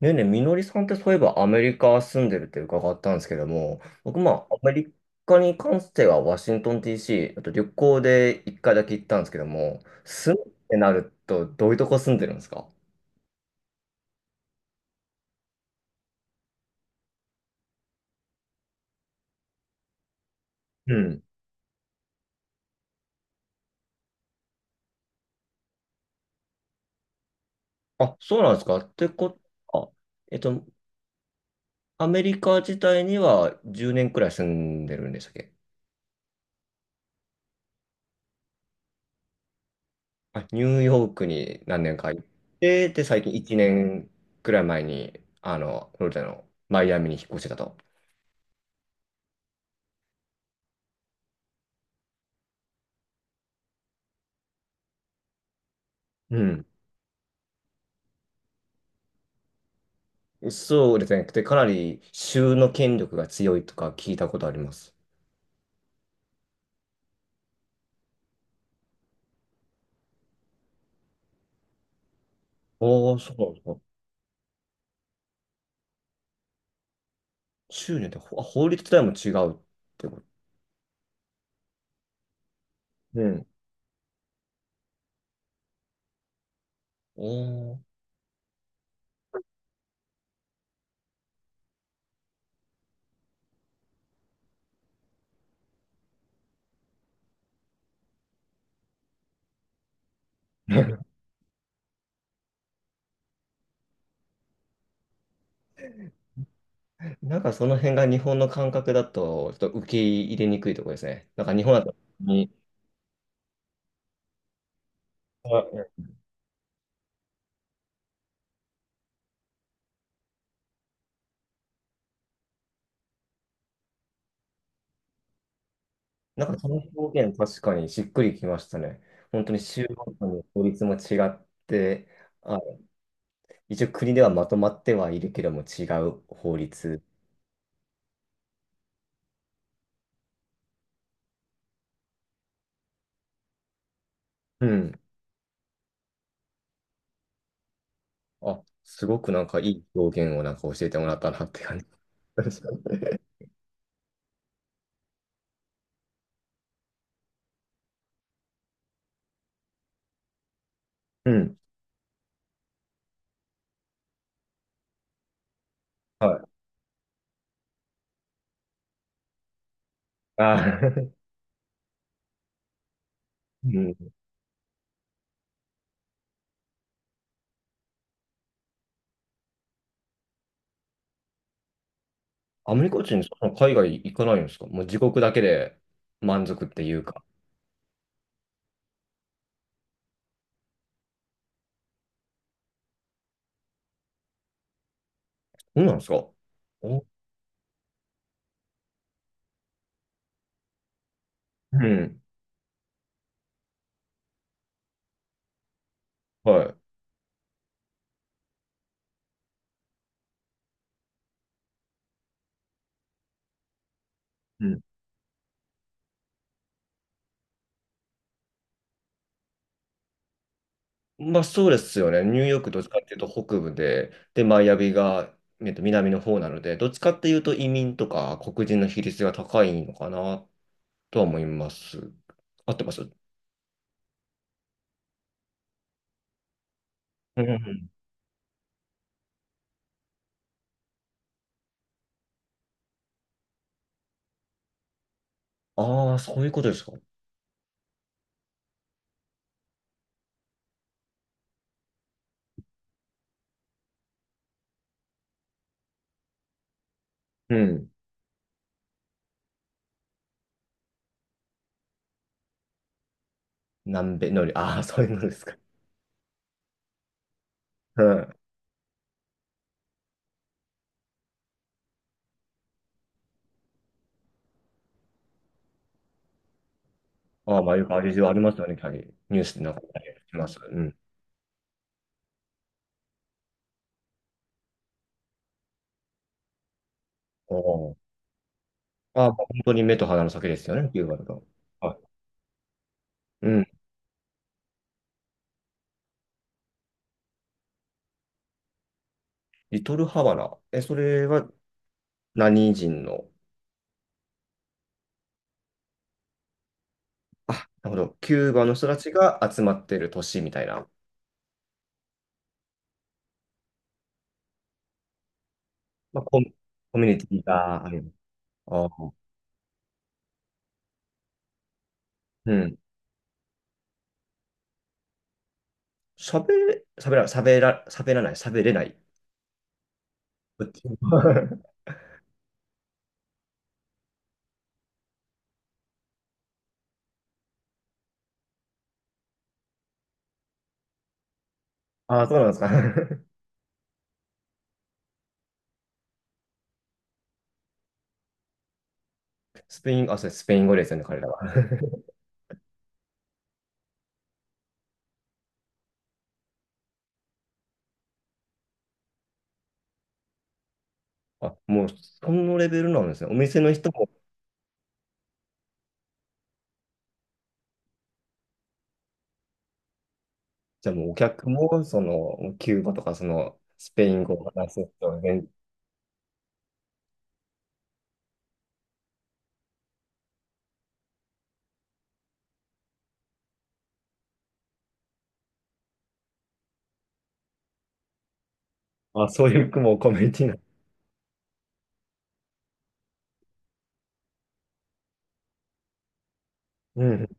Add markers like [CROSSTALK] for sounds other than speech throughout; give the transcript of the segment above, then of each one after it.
ねえねえ、みのりさんってそういえばアメリカ住んでるって伺ったんですけども、僕まあアメリカに関してはワシントン DC、あと旅行で一回だけ行ったんですけども、住むってなるとどういうとこ住んでるんですか？うん。あ、そうなんですかってこと、あ、えっと、アメリカ自体には10年くらい住んでるんでしたっけ？あ、ニューヨークに何年か行って、で、最近1年くらい前に、フロリダのマイアミに引っ越してたと。うん。そうですね。で、かなり州の権力が強いとか聞いたことあります。おー、そうなんですか。州によって法律自体も違うってこと？うん。おー。 [LAUGHS] なんかその辺が日本の感覚だと、ちょっと受け入れにくいところですね。なんか日本だと、にあ、うん、なんかその表現確かにしっくりきましたね。本当に州ごとに法律も違って、あ、一応国ではまとまってはいるけども違う法律。うん。あ、すごくなんかいい表現をなんか教えてもらったなって感じです。うん。はい。あー。 [LAUGHS] うん。アメリカ人、そんな海外行かないんですか？もう自国だけで満足っていうか。そうなんですか？お、うん。はい。うん。まあそうですよね。ニューヨークどっちかっていうと北部で、マイアミが、南の方なので、どっちかっていうと移民とか黒人の比率が高いのかなとは思います。合ってます？うん。ああ、そういうことですか。うん。南米のり、[LAUGHS] ああ、そういうのですか。うん。ああ、まあ、よくあれ以上ありますよね、キャリー。ニュースでなんかあります。うん。おー。ああ、まあ本当に目と鼻の先ですよね、キューバだと。はい。うん。リトルハバナ。え、それは何人の、あ、なるほど。キューバの人たちが集まってる都市みたいな、まあ、コミュニティがある。ああ、うん。喋れ、喋ら、喋ら、喋らない、喋れない。こっち。 [LAUGHS] ああ、そうなんですか。[LAUGHS] スペイン、あ、それスペイン語ですよね、彼らは？あ、もうそのレベルなんですね。お店の人も、じゃあもうお客も、その、キューバとか、その、スペイン語を話す人全、あ、そういう、もうコミュニティな。うん。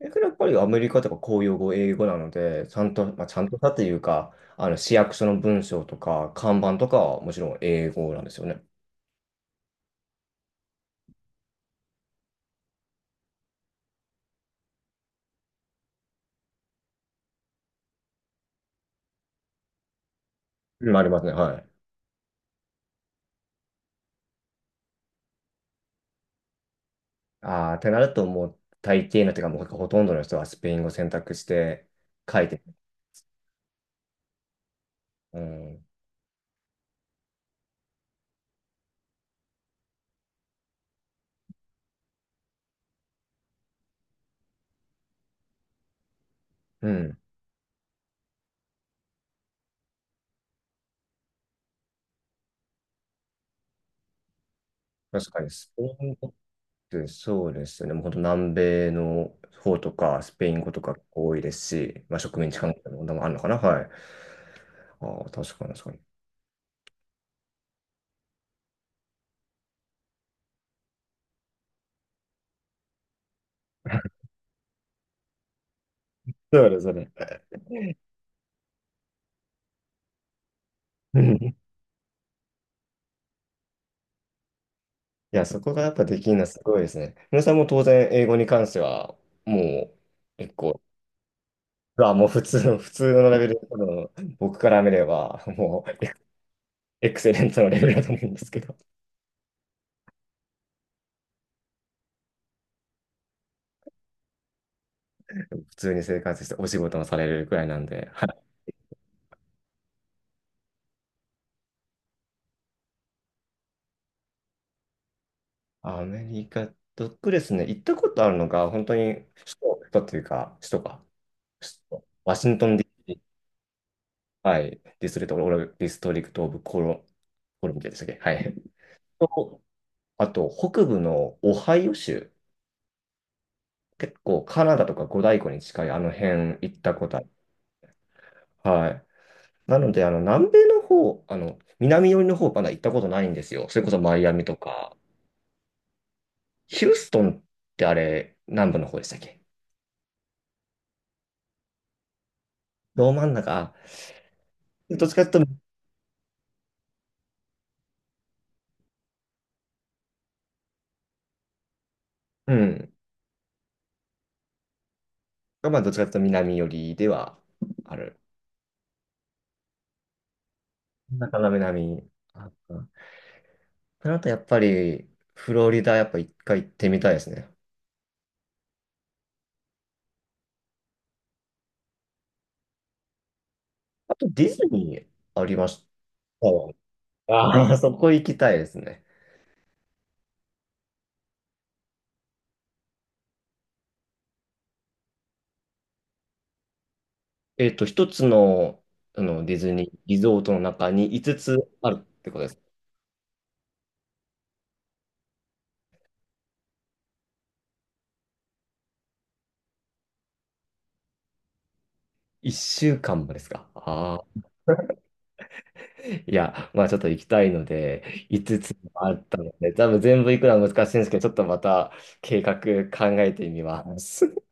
だからやっぱりアメリカとか公用語、英語なので、ちゃんと、まあ、ちゃんとしたというか、あの、市役所の文章とか、看板とかはもちろん英語なんですよね。うん、ありますね。はい。ああ、ってなると、もう、大抵のというか、もうほとんどの人はスペイン語選択して書いてる。うん。うん。確かに、スペイン語でそうですね。もう本当南米の方とか、スペイン語とか多いですし、まあ、植民地関係の問題もあるのかな。はい。ああ、確かに確かに。[LAUGHS] そうですね。うん。 [LAUGHS] いや、そこがやっぱできるのはすごいですね。皆さんも当然、英語に関しては、もう結構、あ、もう普通の、レベル、多分僕から見れば、もうエクセレントのレベルだと思うんですけど、[LAUGHS] 普通に生活してお仕事もされるくらいなんで、はい。アメリカとですね、行ったことあるのが、本当に首都、首都というか、首都か、首都ワシントン DC、はい、ディストリクト、オブディストリクト・オブ・コロンビアでしたっけ？はい。とあと、北部のオハイオ州、結構カナダとか五大湖に近いあの辺行ったことある。はい。なので、南米の方、南寄りの方まだ行ったことないんですよ。それこそマイアミとか。ヒューストンってあれ、南部の方でしたっけ？ど真ん中、あ、どっちかというと、うん。まあ、どっちかというと南寄りではある。なかなか南。ああ。ん。それあとやっぱり、フロリダやっぱ一回行ってみたいですね。あとディズニーありましたよ。ああ、[LAUGHS] そこ行きたいですね。一つの、あのディズニーリゾートの中に5つあるってことです。1週間もですか。ああ。いや、まあちょっと行きたいので、5つもあったので、多分全部行くのは難しいんですけど、ちょっとまた計画考えてみます。